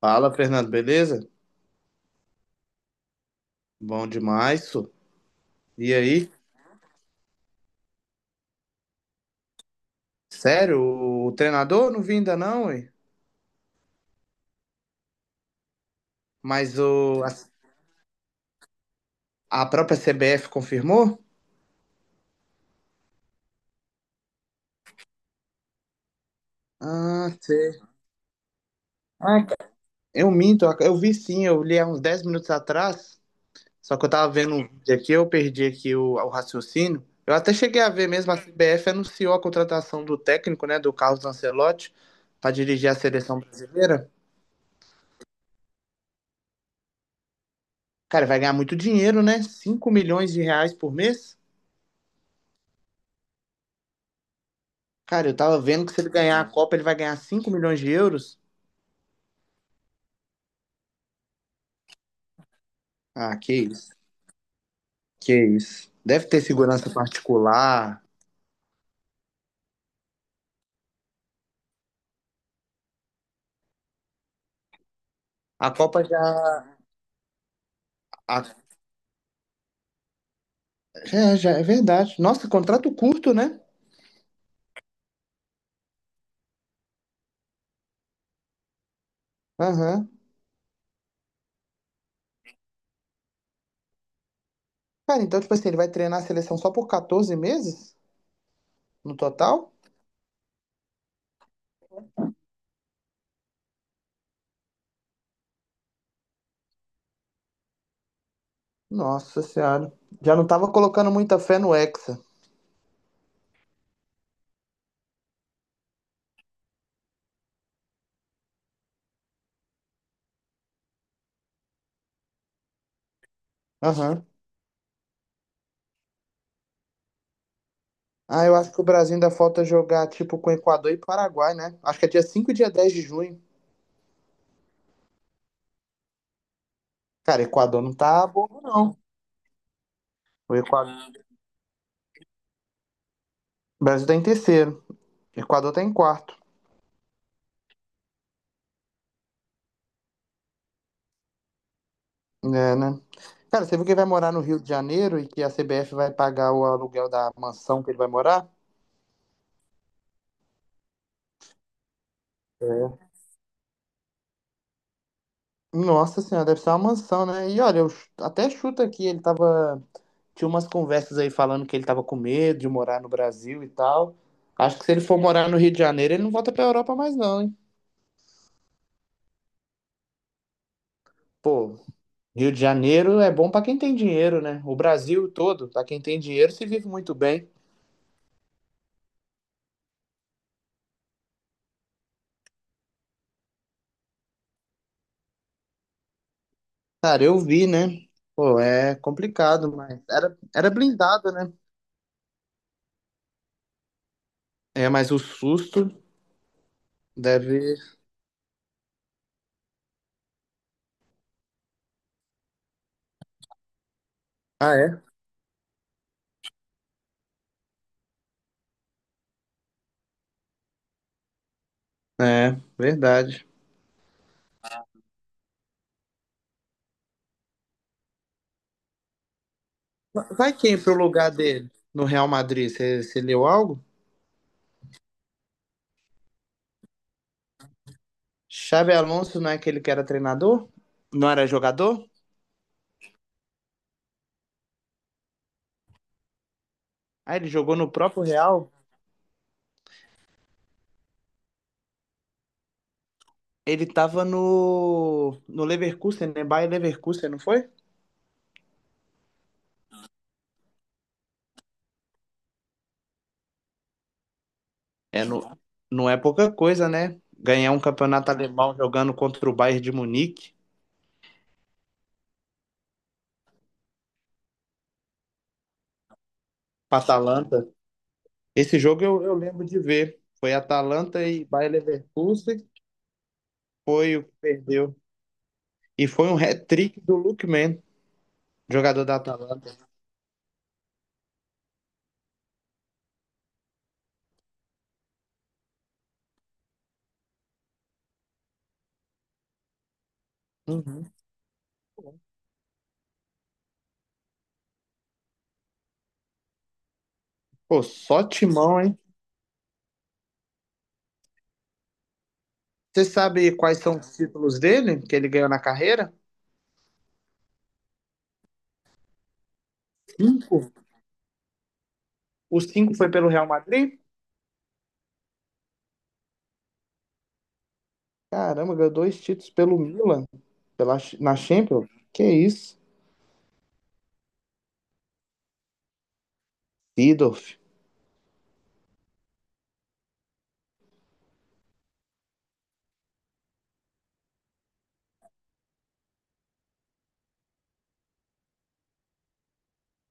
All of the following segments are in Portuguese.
Fala, Fernando, beleza? Bom demais, isso. E aí? Sério, o treinador não vim ainda não, ué? Mas a própria CBF confirmou? Ah, sei. Ah, eu minto, eu vi sim, eu li há uns 10 minutos atrás, só que eu tava vendo um vídeo aqui, eu perdi aqui o raciocínio. Eu até cheguei a ver mesmo, a CBF anunciou a contratação do técnico, né, do Carlos Ancelotti, para dirigir a seleção brasileira. Cara, vai ganhar muito dinheiro, né? 5 milhões de reais por mês? Cara, eu tava vendo que se ele ganhar a Copa, ele vai ganhar 5 milhões de euros. Ah, que isso. Que isso. Deve ter segurança particular. A Copa já. a- É, já é verdade. Nossa, contrato curto, né? Aham. Cara, então, tipo assim, ele vai treinar a seleção só por 14 meses no total? Nossa Senhora. Já não tava colocando muita fé no Hexa. Aham. Ah, eu acho que o Brasil ainda falta jogar, tipo, com Equador e Paraguai, né? Acho que é dia 5 e dia 10 de junho. Cara, Equador não tá bobo, não. O Equador. O Brasil tá em terceiro. O Equador tá em quarto. É, né? Cara, você viu que ele vai morar no Rio de Janeiro e que a CBF vai pagar o aluguel da mansão que ele vai morar? É. Nossa senhora, deve ser uma mansão, né? E olha, eu até chuto aqui, ele tava. Tinha umas conversas aí falando que ele tava com medo de morar no Brasil e tal. Acho que se ele for morar no Rio de Janeiro, ele não volta pra Europa mais, não, hein? Pô, Rio de Janeiro é bom pra quem tem dinheiro, né? O Brasil todo, pra quem tem dinheiro, se vive muito bem. Cara, eu vi, né? Pô, é complicado, mas era blindado, né? É, mas o susto deve. Ah, é? É, verdade. Vai quem pro lugar dele no Real Madrid? Você leu algo? Xabi Alonso não é aquele que era treinador? Não era jogador? Ah, ele jogou no próprio Real. Ele tava no Leverkusen, né? Bayer Leverkusen, não foi? É, não, não é pouca coisa, né? Ganhar um campeonato alemão jogando contra o Bayern de Munique, pra Atalanta. Esse jogo eu lembro de ver. Foi Atalanta e Bayer Leverkusen. Foi o que perdeu. E foi um hat-trick do Lookman, jogador da Atalanta. Uhum. Pô, só timão, hein? Você sabe quais são os títulos dele que ele ganhou na carreira? Cinco. Os cinco foi pelo Real Madrid? Caramba, ganhou dois títulos pelo Milan, pela, na Champions. Que isso? Seedorf.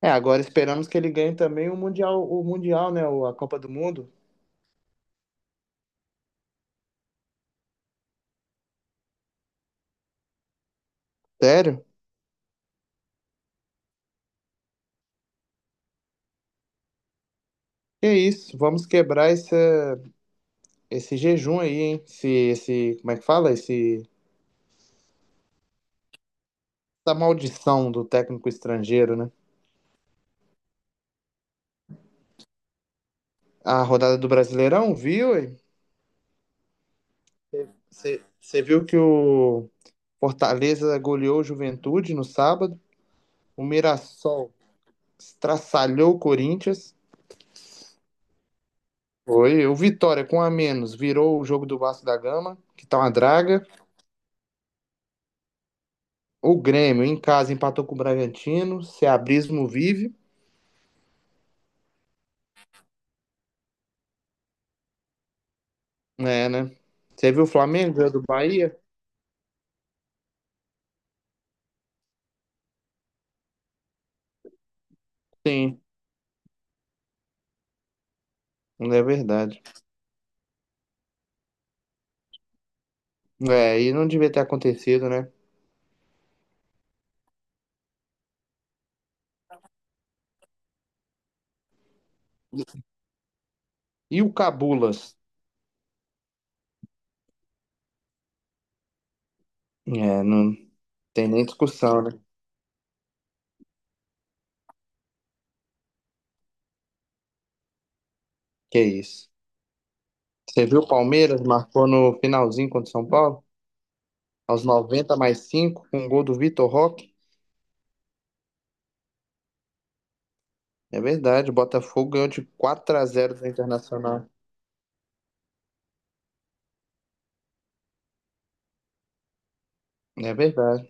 É, agora esperamos que ele ganhe também o Mundial, né? A Copa do Mundo. Sério? Que isso? Vamos quebrar essa, esse jejum aí, hein? Esse, como é que fala? Essa maldição do técnico estrangeiro, né? A rodada do Brasileirão, viu? Você viu que o Fortaleza goleou o Juventude no sábado, o Mirassol estraçalhou o Corinthians, foi o Vitória com a menos virou o jogo do Vasco da Gama, que tá uma draga. O Grêmio em casa empatou com o Bragantino, Ceabrismo vive, é, né? Você viu o Flamengo ganhou do Bahia? Sim, não é verdade. É, e não devia ter acontecido, né? E o Cabulas? É, não tem nem discussão, né? Que isso. Você viu o Palmeiras marcou no finalzinho contra o São Paulo? Aos 90+5 com um gol do Vitor Roque? É verdade, o Botafogo ganhou de 4-0 do Internacional. É verdade.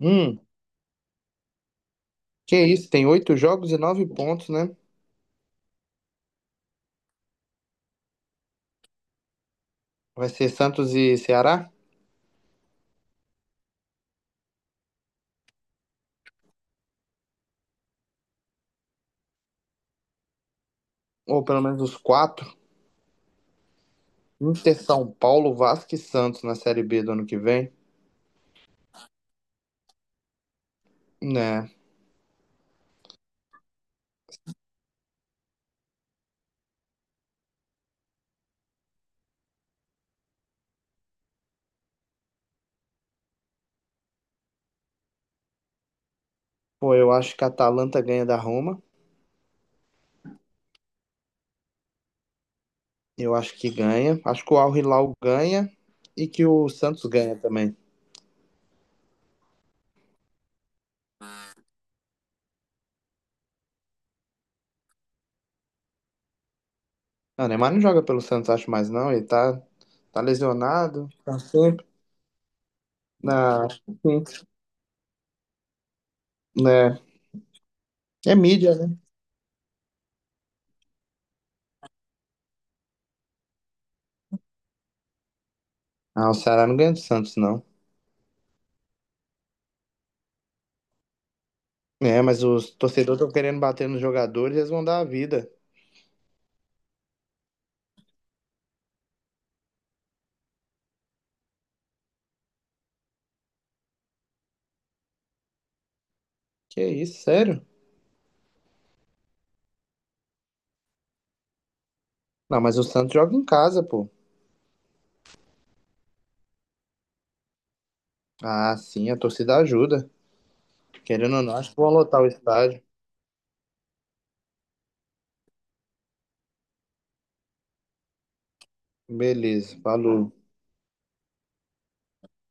Hum, que isso, tem oito jogos e nove pontos, né? Vai ser Santos e Ceará? Ou pelo menos os quatro. Inter, São Paulo, Vasco e Santos na Série B do ano que vem. Né? Pô, eu acho que a Atalanta ganha da Roma. Eu acho que ganha. Acho que o Al Hilal ganha e que o Santos ganha também. Não, o Neymar não joga pelo Santos, acho mais não. Ele tá lesionado, tá sempre na. Acho que sim. Né? É mídia, né? Ah, o Ceará não ganha do Santos, não. É, mas os torcedores estão querendo bater nos jogadores, eles vão dar a vida. Que isso, sério? Não, mas o Santos joga em casa, pô. Ah, sim, a torcida ajuda. Querendo ou não, acho que vão lotar o estádio. Beleza, falou.